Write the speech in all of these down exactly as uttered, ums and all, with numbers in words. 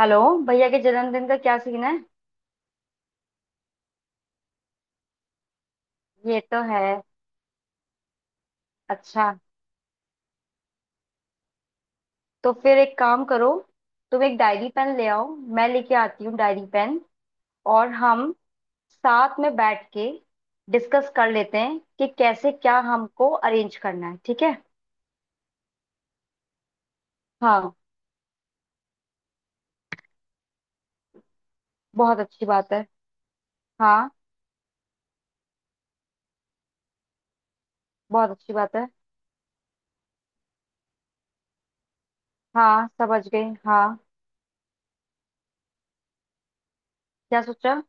Hello. भैया के जन्मदिन का क्या सीन है? ये तो है। अच्छा, तो फिर एक काम करो, तुम एक डायरी पेन ले आओ। मैं लेके आती हूँ डायरी पेन। और हम साथ में बैठ के डिस्कस कर लेते हैं कि कैसे क्या हमको अरेंज करना है, ठीक है। हाँ, बहुत अच्छी बात है। हाँ, बहुत अच्छी बात है। हाँ, समझ गई, हाँ। क्या सोचा?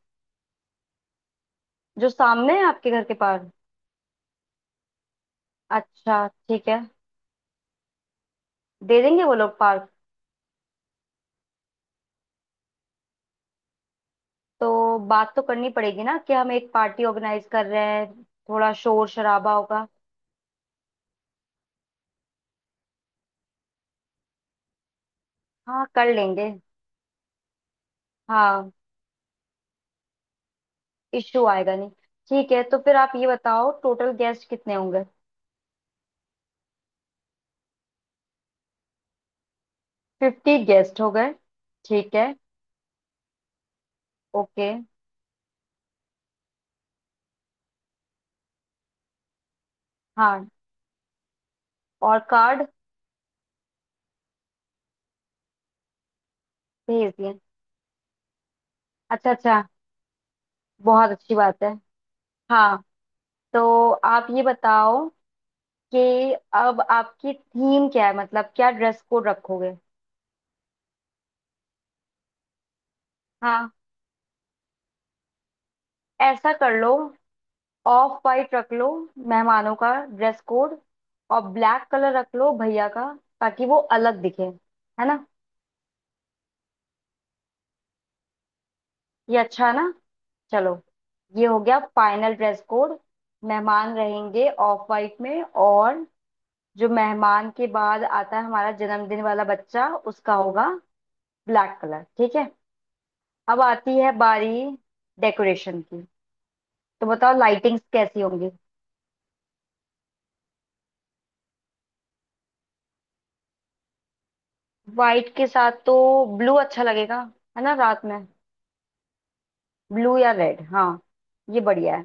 जो सामने है आपके घर के पास? अच्छा, ठीक है। दे देंगे वो लोग पार्क। तो बात तो करनी पड़ेगी ना, कि हम एक पार्टी ऑर्गेनाइज कर रहे हैं, थोड़ा शोर शराबा होगा। हाँ, कर लेंगे। हाँ, इश्यू आएगा नहीं। ठीक है, तो फिर आप ये बताओ, टोटल गेस्ट कितने होंगे? फिफ्टी गेस्ट हो गए। ठीक है, ओके। हाँ, और कार्ड भेज दिए? अच्छा अच्छा, बहुत अच्छी बात है। हाँ, तो आप ये बताओ कि अब आपकी थीम क्या है, मतलब क्या ड्रेस कोड रखोगे? हाँ, ऐसा कर लो, ऑफ वाइट रख लो मेहमानों का ड्रेस कोड, और ब्लैक कलर रख लो भैया का, ताकि वो अलग दिखे, है ना? ये अच्छा है ना। चलो, ये हो गया फाइनल ड्रेस कोड। मेहमान रहेंगे ऑफ वाइट में, और जो मेहमान के बाद आता है हमारा जन्मदिन वाला बच्चा, उसका होगा ब्लैक कलर, ठीक है। अब आती है बारी डेकोरेशन की। तो बताओ, लाइटिंग्स कैसी होंगी? वाइट के साथ तो ब्लू अच्छा लगेगा, है ना, रात में। ब्लू या रेड, हाँ। ये बढ़िया है।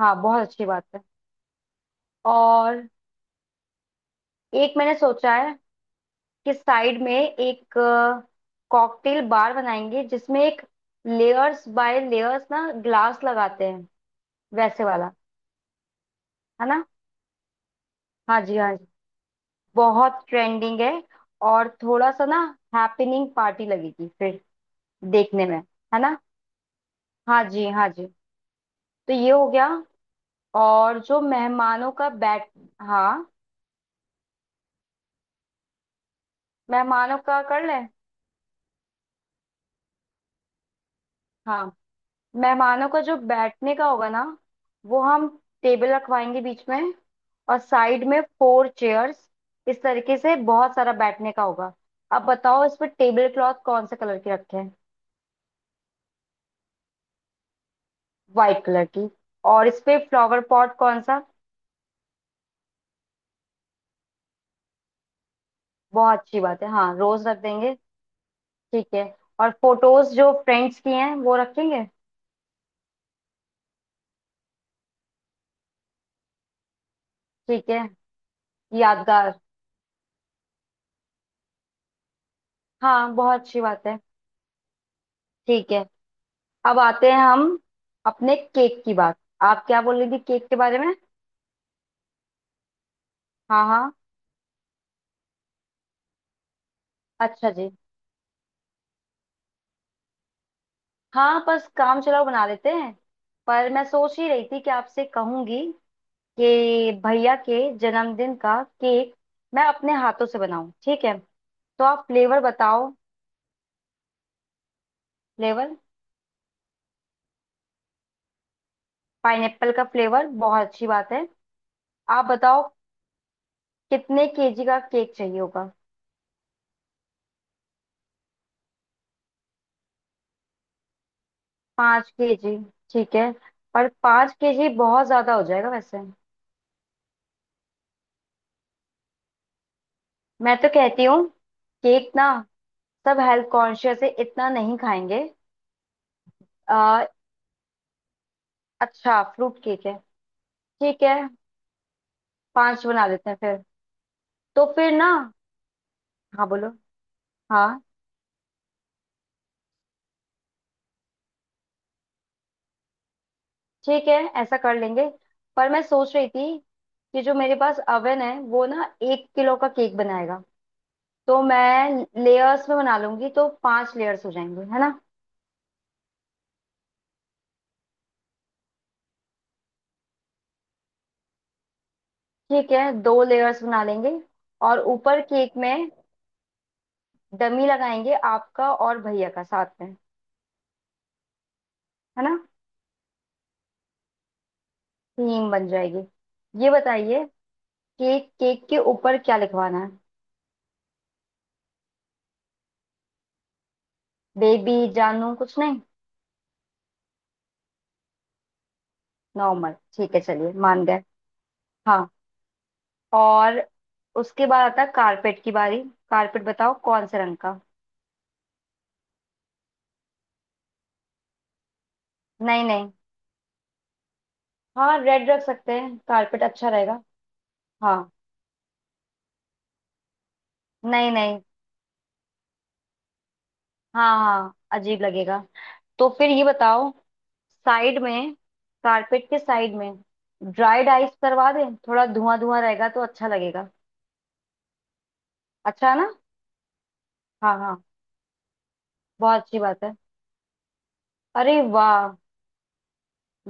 हाँ, बहुत अच्छी बात है। और एक मैंने सोचा है, कि साइड में एक कॉकटेल बार बनाएंगे, जिसमें एक लेयर्स बाय लेयर्स ना ग्लास लगाते हैं, वैसे वाला। है ना? हाँ जी हाँ जी, बहुत ट्रेंडिंग है। और थोड़ा सा ना हैपनिंग पार्टी लगेगी फिर देखने में। है ना? हाँ जी हाँ जी। तो ये हो गया। और जो मेहमानों का बैठ, हाँ मेहमानों का कर ले। हाँ, मेहमानों का जो बैठने का होगा ना, वो हम टेबल रखवाएंगे बीच में, और साइड में फोर चेयर्स, इस तरीके से बहुत सारा बैठने का होगा। अब बताओ, इस पे टेबल क्लॉथ कौन से कलर की रखें? वाइट कलर की। और इस पे फ्लावर पॉट कौन सा? बहुत अच्छी बात है, हाँ रोज रख देंगे। ठीक है। और फोटोज जो फ्रेंड्स की हैं वो रखेंगे। ठीक है, यादगार। हाँ, बहुत अच्छी बात है। ठीक है, अब आते हैं हम अपने केक की बात। आप क्या बोल रही थी केक के बारे में? हाँ हाँ, अच्छा जी। हाँ बस काम चलाओ बना लेते हैं, पर मैं सोच ही रही थी कि आपसे कहूंगी, कि भैया के जन्मदिन का केक मैं अपने हाथों से बनाऊं, ठीक है। तो आप फ्लेवर बताओ। फ्लेवर पाइनएप्पल का, फ्लेवर बहुत अच्छी बात है। आप बताओ, कितने केजी का केक चाहिए होगा? पाँच केजी, ठीक है। पर पाँच केजी बहुत ज्यादा हो जाएगा वैसे। मैं तो कहती हूँ केक ना, सब हेल्थ कॉन्शियस है, इतना नहीं खाएंगे। अच्छा, फ्रूट केक है। ठीक है, पांच बना लेते हैं फिर। तो फिर ना, हाँ बोलो। हाँ ठीक है, ऐसा कर लेंगे। पर मैं सोच रही थी कि जो मेरे पास अवन है, वो ना एक किलो का केक बनाएगा, तो मैं लेयर्स में बना लूंगी, तो पांच लेयर्स हो जाएंगे, है ना? ठीक है, दो लेयर्स बना लेंगे। और ऊपर केक में डमी लगाएंगे आपका और भैया का साथ में, है ना? थीम बन जाएगी। ये बताइए, केक, केक के ऊपर क्या लिखवाना है? बेबी जानू कुछ नहीं? नॉर्मल, ठीक है, चलिए मान गए। हाँ, और उसके बाद आता है कारपेट की बारी। कारपेट बताओ कौन से रंग का? नहीं नहीं, हाँ रेड रख सकते हैं, कारपेट अच्छा रहेगा। हाँ, नहीं नहीं, हाँ हाँ, अजीब लगेगा। तो फिर ये बताओ, साइड में, कारपेट के साइड में ड्राइड आइस करवा दें, थोड़ा धुआं धुआं रहेगा तो अच्छा लगेगा। अच्छा है ना? हाँ हाँ, बहुत अच्छी बात है। अरे वाह,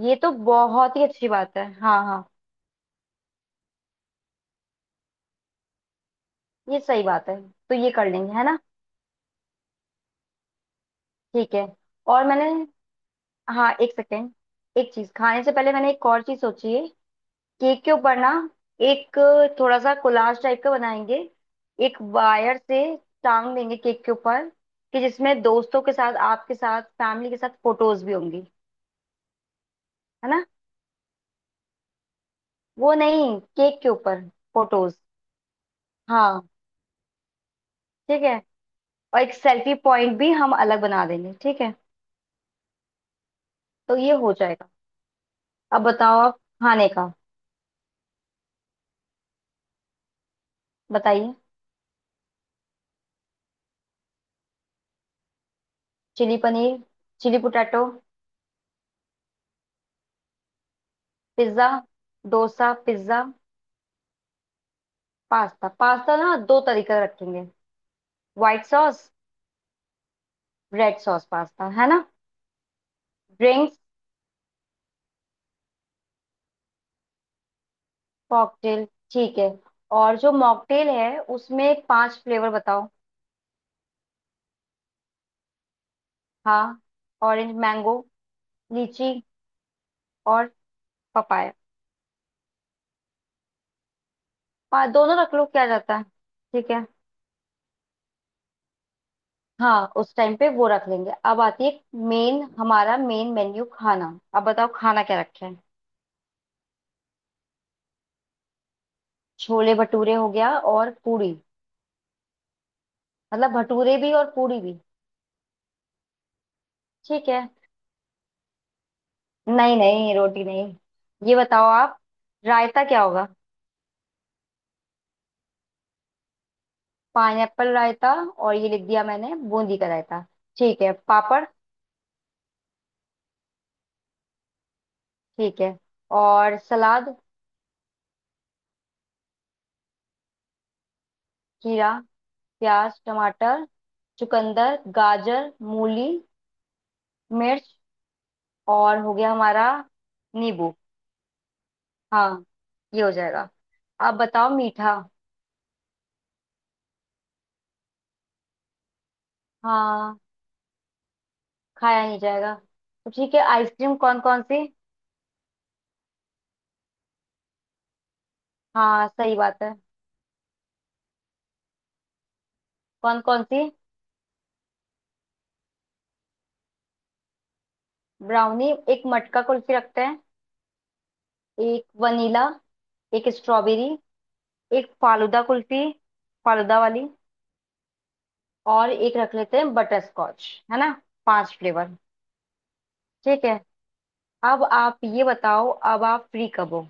ये तो बहुत ही अच्छी बात है, हाँ हाँ। ये सही बात है, तो ये कर लेंगे, है ना? ठीक है। और मैंने, हाँ एक सेकेंड, एक चीज खाने से पहले मैंने एक और चीज सोची है। केक के ऊपर ना एक थोड़ा सा कोलाज टाइप का बनाएंगे, एक वायर से टांग देंगे केक के ऊपर, कि जिसमें दोस्तों के साथ, आपके साथ, फैमिली के साथ फोटोज भी होंगी। है ना? वो नहीं, केक के ऊपर फोटोज, हाँ। ठीक है, और एक सेल्फी पॉइंट भी हम अलग बना देंगे, ठीक है। तो ये हो जाएगा। अब बताओ आप, खाने का बताइए। Chilli paneer, chilli potato, pizza, dosa pizza pasta. Pasta ना दो तरीके का रखेंगे, white sauce, red sauce pasta, है ना? ड्रिंक्स, कॉकटेल, ठीक है। और जो मॉकटेल है उसमें पांच फ्लेवर बताओ। हाँ, ऑरेंज, मैंगो, लीची और पपाया। पा, दोनों रख लो, क्या जाता है। ठीक है, हाँ उस टाइम पे वो रख लेंगे। अब आती है मेन, हमारा मेन मेन्यू खाना, अब बताओ खाना क्या रखें। छोले भटूरे हो गया, और पूरी? मतलब भटूरे भी और पूरी भी? ठीक है। नहीं नहीं, रोटी नहीं। ये बताओ आप, रायता क्या होगा? पाइनएप्पल रायता, और ये लिख दिया मैंने बूंदी का रायता। ठीक है, पापड़, ठीक है। और सलाद, खीरा, प्याज, टमाटर, चुकंदर, गाजर, मूली, मिर्च, और हो गया हमारा नींबू। हाँ, ये हो जाएगा। अब बताओ मीठा। हाँ, खाया नहीं जाएगा। तो ठीक है, आइसक्रीम कौन कौन सी? हाँ, सही बात है। कौन कौन सी? ब्राउनी, एक मटका कुल्फी रखते हैं, एक वनीला, एक स्ट्रॉबेरी, एक फालूदा कुल्फी, फालूदा वाली, और एक रख लेते हैं बटर स्कॉच। है ना? पांच फ्लेवर। ठीक है। अब आप ये बताओ, अब आप फ्री कब हो?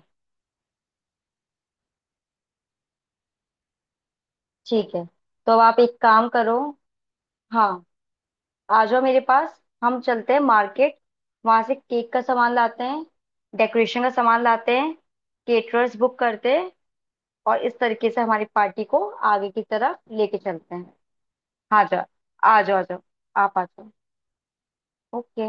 ठीक है, तो अब आप एक काम करो, हाँ आ जाओ मेरे पास, हम चलते हैं मार्केट। वहां से केक का सामान लाते हैं, डेकोरेशन का सामान लाते हैं, केटरर्स बुक करते हैं, और इस तरीके से हमारी पार्टी को आगे की तरफ लेके चलते हैं। हाँ जा, आ जाओ आ जाओ, आप आ जाओ। ओके।